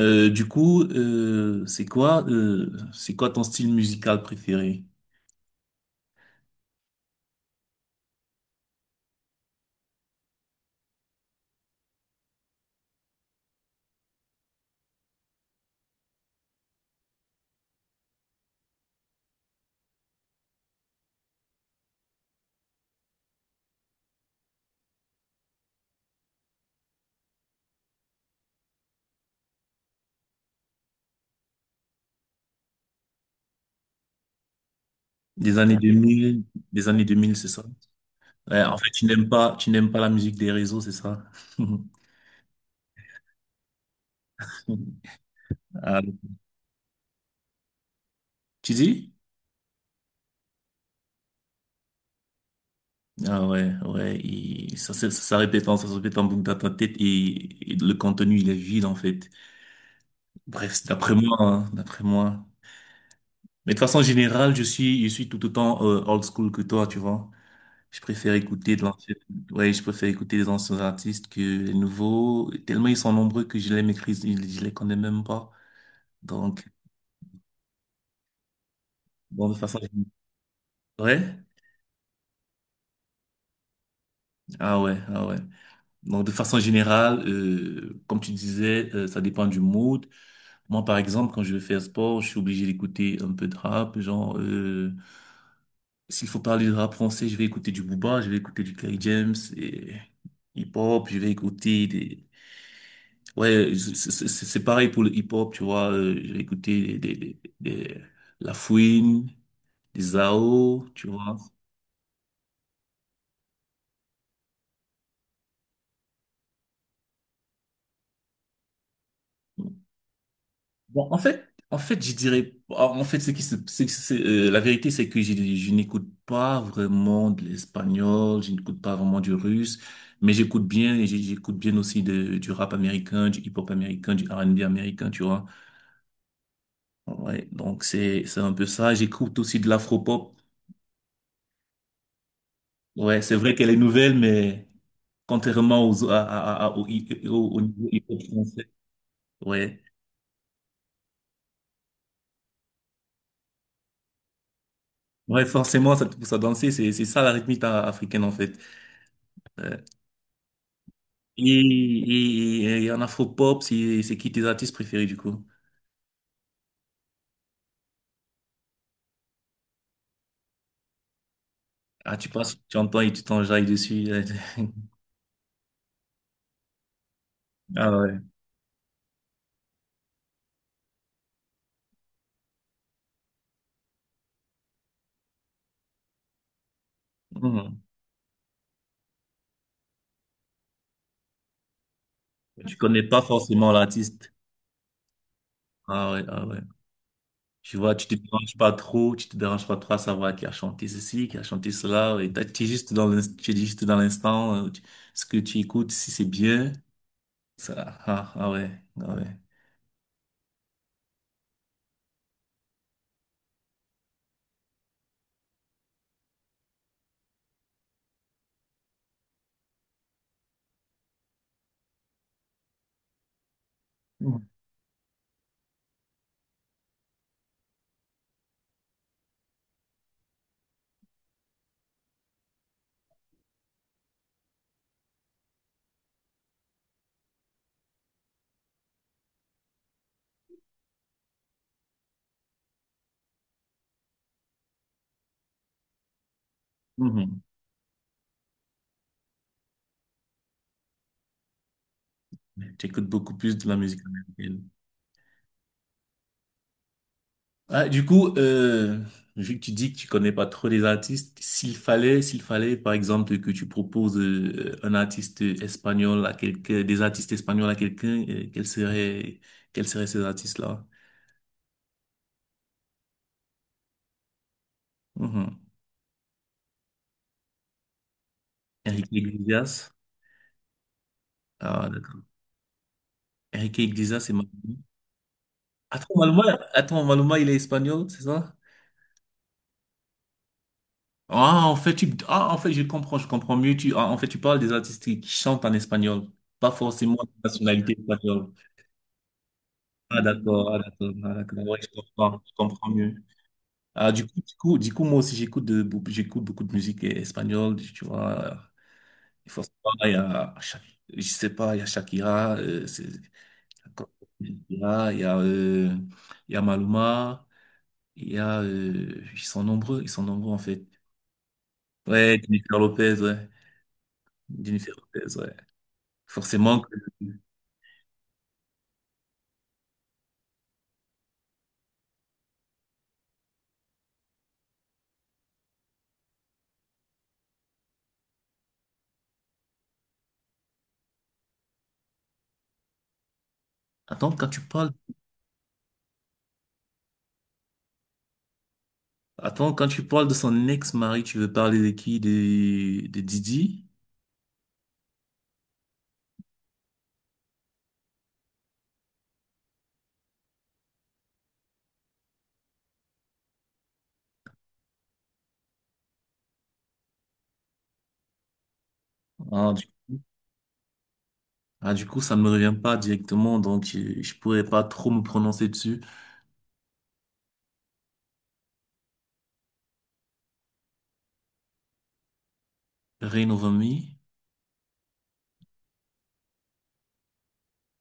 Du coup, c'est quoi ton style musical préféré? Des années 2000, des années 2000, c'est ça? Ouais, en fait, tu n'aimes pas la musique des réseaux, c'est ça? Ah, tu dis? Ah ouais, ouais, et ça se répète en boucle dans ta tête et le contenu, il est vide, en fait. Bref, c'est d'après moi, hein, d'après moi. Mais de façon générale, je suis tout autant old school que toi, tu vois. Je préfère écouter de l'ancien- ouais, je préfère écouter des anciens artistes que les nouveaux, tellement ils sont nombreux que je les maîtrise, je les connais même pas. Donc, bon, de façon générale, ouais, ah ouais, ah ouais. Donc, de façon générale, comme tu disais, ça dépend du mood. Moi, par exemple, quand je vais faire sport, je suis obligé d'écouter un peu de rap. Genre, s'il faut parler de rap français, je vais écouter du Booba, je vais écouter du Kerry James et hip-hop, je vais écouter des, ouais, c'est pareil pour le hip-hop, tu vois. J'ai écouté La Fouine, des Zao, tu vois. Bon, en fait, je dirais, en fait, ce qui se, c'est- la vérité, c'est que je n'écoute pas vraiment de l'espagnol, je n'écoute pas vraiment du russe, mais j'écoute bien, et j'écoute bien aussi du rap américain, du hip-hop américain, du R&B américain, tu vois. Ouais, donc c'est un peu ça. J'écoute aussi de l'afro-pop. Ouais, c'est vrai qu'elle est nouvelle, mais contrairement aux, à- au, au- au niveau hip-hop français. Ouais. Ouais, forcément, ça te pousse à danser. C'est ça la rythmique africaine, en fait. Et, et en afro-pop, c'est qui tes artistes préférés, du coup? Ah, tu passes, tu entends et tu t'enjailles dessus. Ah ouais. Mhm. Tu connais pas forcément l'artiste. Ah ouais, ah ouais. Tu vois, tu te déranges pas trop à savoir qui a chanté ceci, qui a chanté cela. Tu es juste dans tu es juste dans l'instant, ce que tu écoutes, si c'est bien. Ça, ah, ah ouais, ah ouais. Mhm. Mhm. J'écoute beaucoup plus de la musique américaine. Ah, du coup, vu que tu dis que tu connais pas trop les artistes, s'il fallait, par exemple, que tu proposes un artiste espagnol à quelqu'un, des artistes espagnols à quelqu'un, quels seraient ces artistes-là? Mhm. Enrique Iglesias. Ah, d'accord. Enrique Iglesias, c'est Maluma. Attends, Maluma, attends, Maluma, il est espagnol, c'est ça? Ah, en fait, je comprends mieux. Ah, en fait, tu parles des artistes qui chantent en espagnol, pas forcément de nationalité espagnole. Ah, d'accord, ah, d'accord, ah, d'accord. Ouais, je comprends mieux. Ah, du coup, moi aussi, j'écoute beaucoup de musique espagnole, tu vois. Il faut savoir, il y a, Sha- je sais pas, il y a Shakira, Shakira, il y a Maluma, ils sont nombreux, en fait. Ouais, Jennifer Lopez, ouais. Jennifer Lopez, ouais. Forcément que... Attends, quand tu parles... Attends, quand tu parles de son ex-mari, tu veux parler de qui? De Didi? Ah du... ah, du coup, ça ne me revient pas directement, donc je pourrais pas trop me prononcer dessus. Rain Over Me?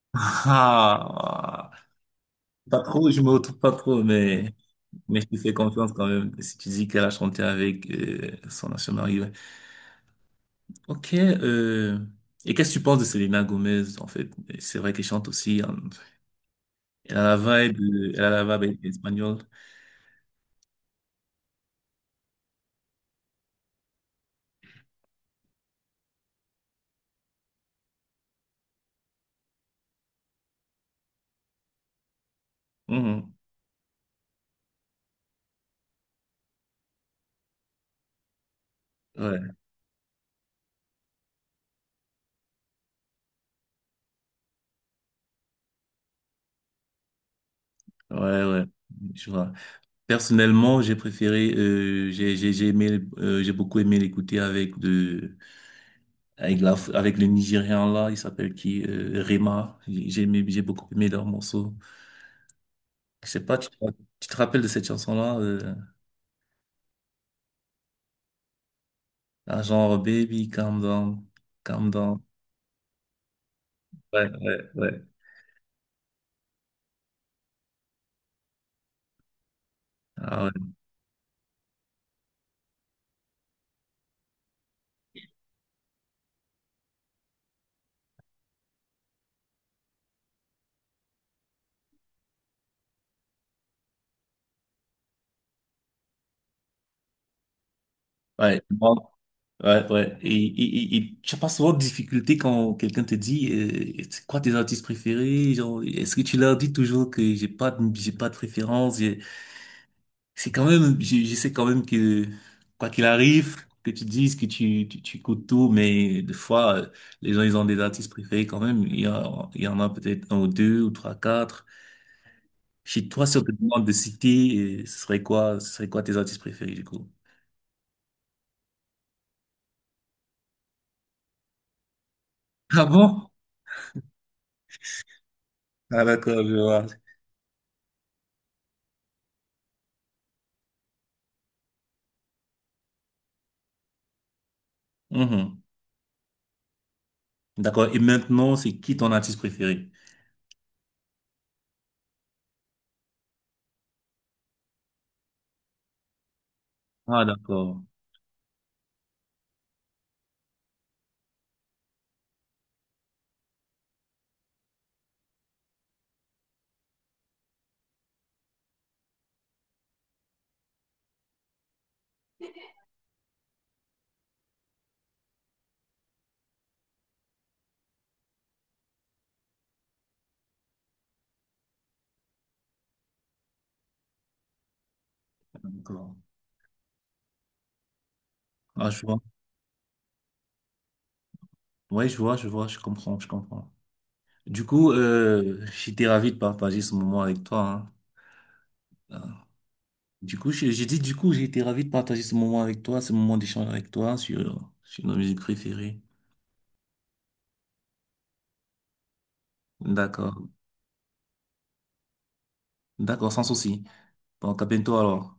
Ah, pas trop, je me retrouve pas trop, mais je te fais confiance quand même. Si tu dis qu'elle a chanté avec son ancien mari, ouais. Ok, et qu'est-ce que tu penses de Selena Gomez, en fait? C'est vrai qu'elle chante aussi, hein. Elle a la vibe, elle a la vibe espagnole. Mhm. Ouais, ouais, ouais, je vois. Personnellement, j'ai préféré, j'ai aimé, j'ai beaucoup aimé l'écouter avec avec le Nigérian là, il s'appelle qui, Rema. J'ai aimé, j'ai beaucoup aimé leur morceau. Je sais pas, tu te rappelles de cette chanson là, ah, genre Baby, calm down, calm down. Ouais, ouais, ouais. Ah ouais. Ouais. Ouais, ouais. Et tu as pas souvent de difficulté quand quelqu'un te dit, c'est quoi tes artistes préférés? Genre, est-ce que tu leur dis toujours que j'ai pas de préférence? C'est quand même, je sais quand même que, quoi qu'il arrive, que tu dises que tu écoutes tout, mais des fois, les gens, ils ont des artistes préférés quand même. Il y en a peut-être un ou deux ou trois, quatre. Chez toi, si on te demande de citer, ce serait quoi tes artistes préférés, du coup? Ah bon? Ah d'accord, je vois. D'accord. Et maintenant, c'est qui ton artiste préféré? Ah, d'accord. D'accord. Ah, je vois. Ouais, je vois, je vois, je comprends, je comprends. Du coup, j'étais ravi de partager ce moment avec toi, hein. Ah. Du coup, j'ai dit, du coup, j'ai été ravi de partager ce moment avec toi, ce moment d'échange avec toi sur nos musiques préférées. D'accord. D'accord, sans souci. Bon, à bientôt alors.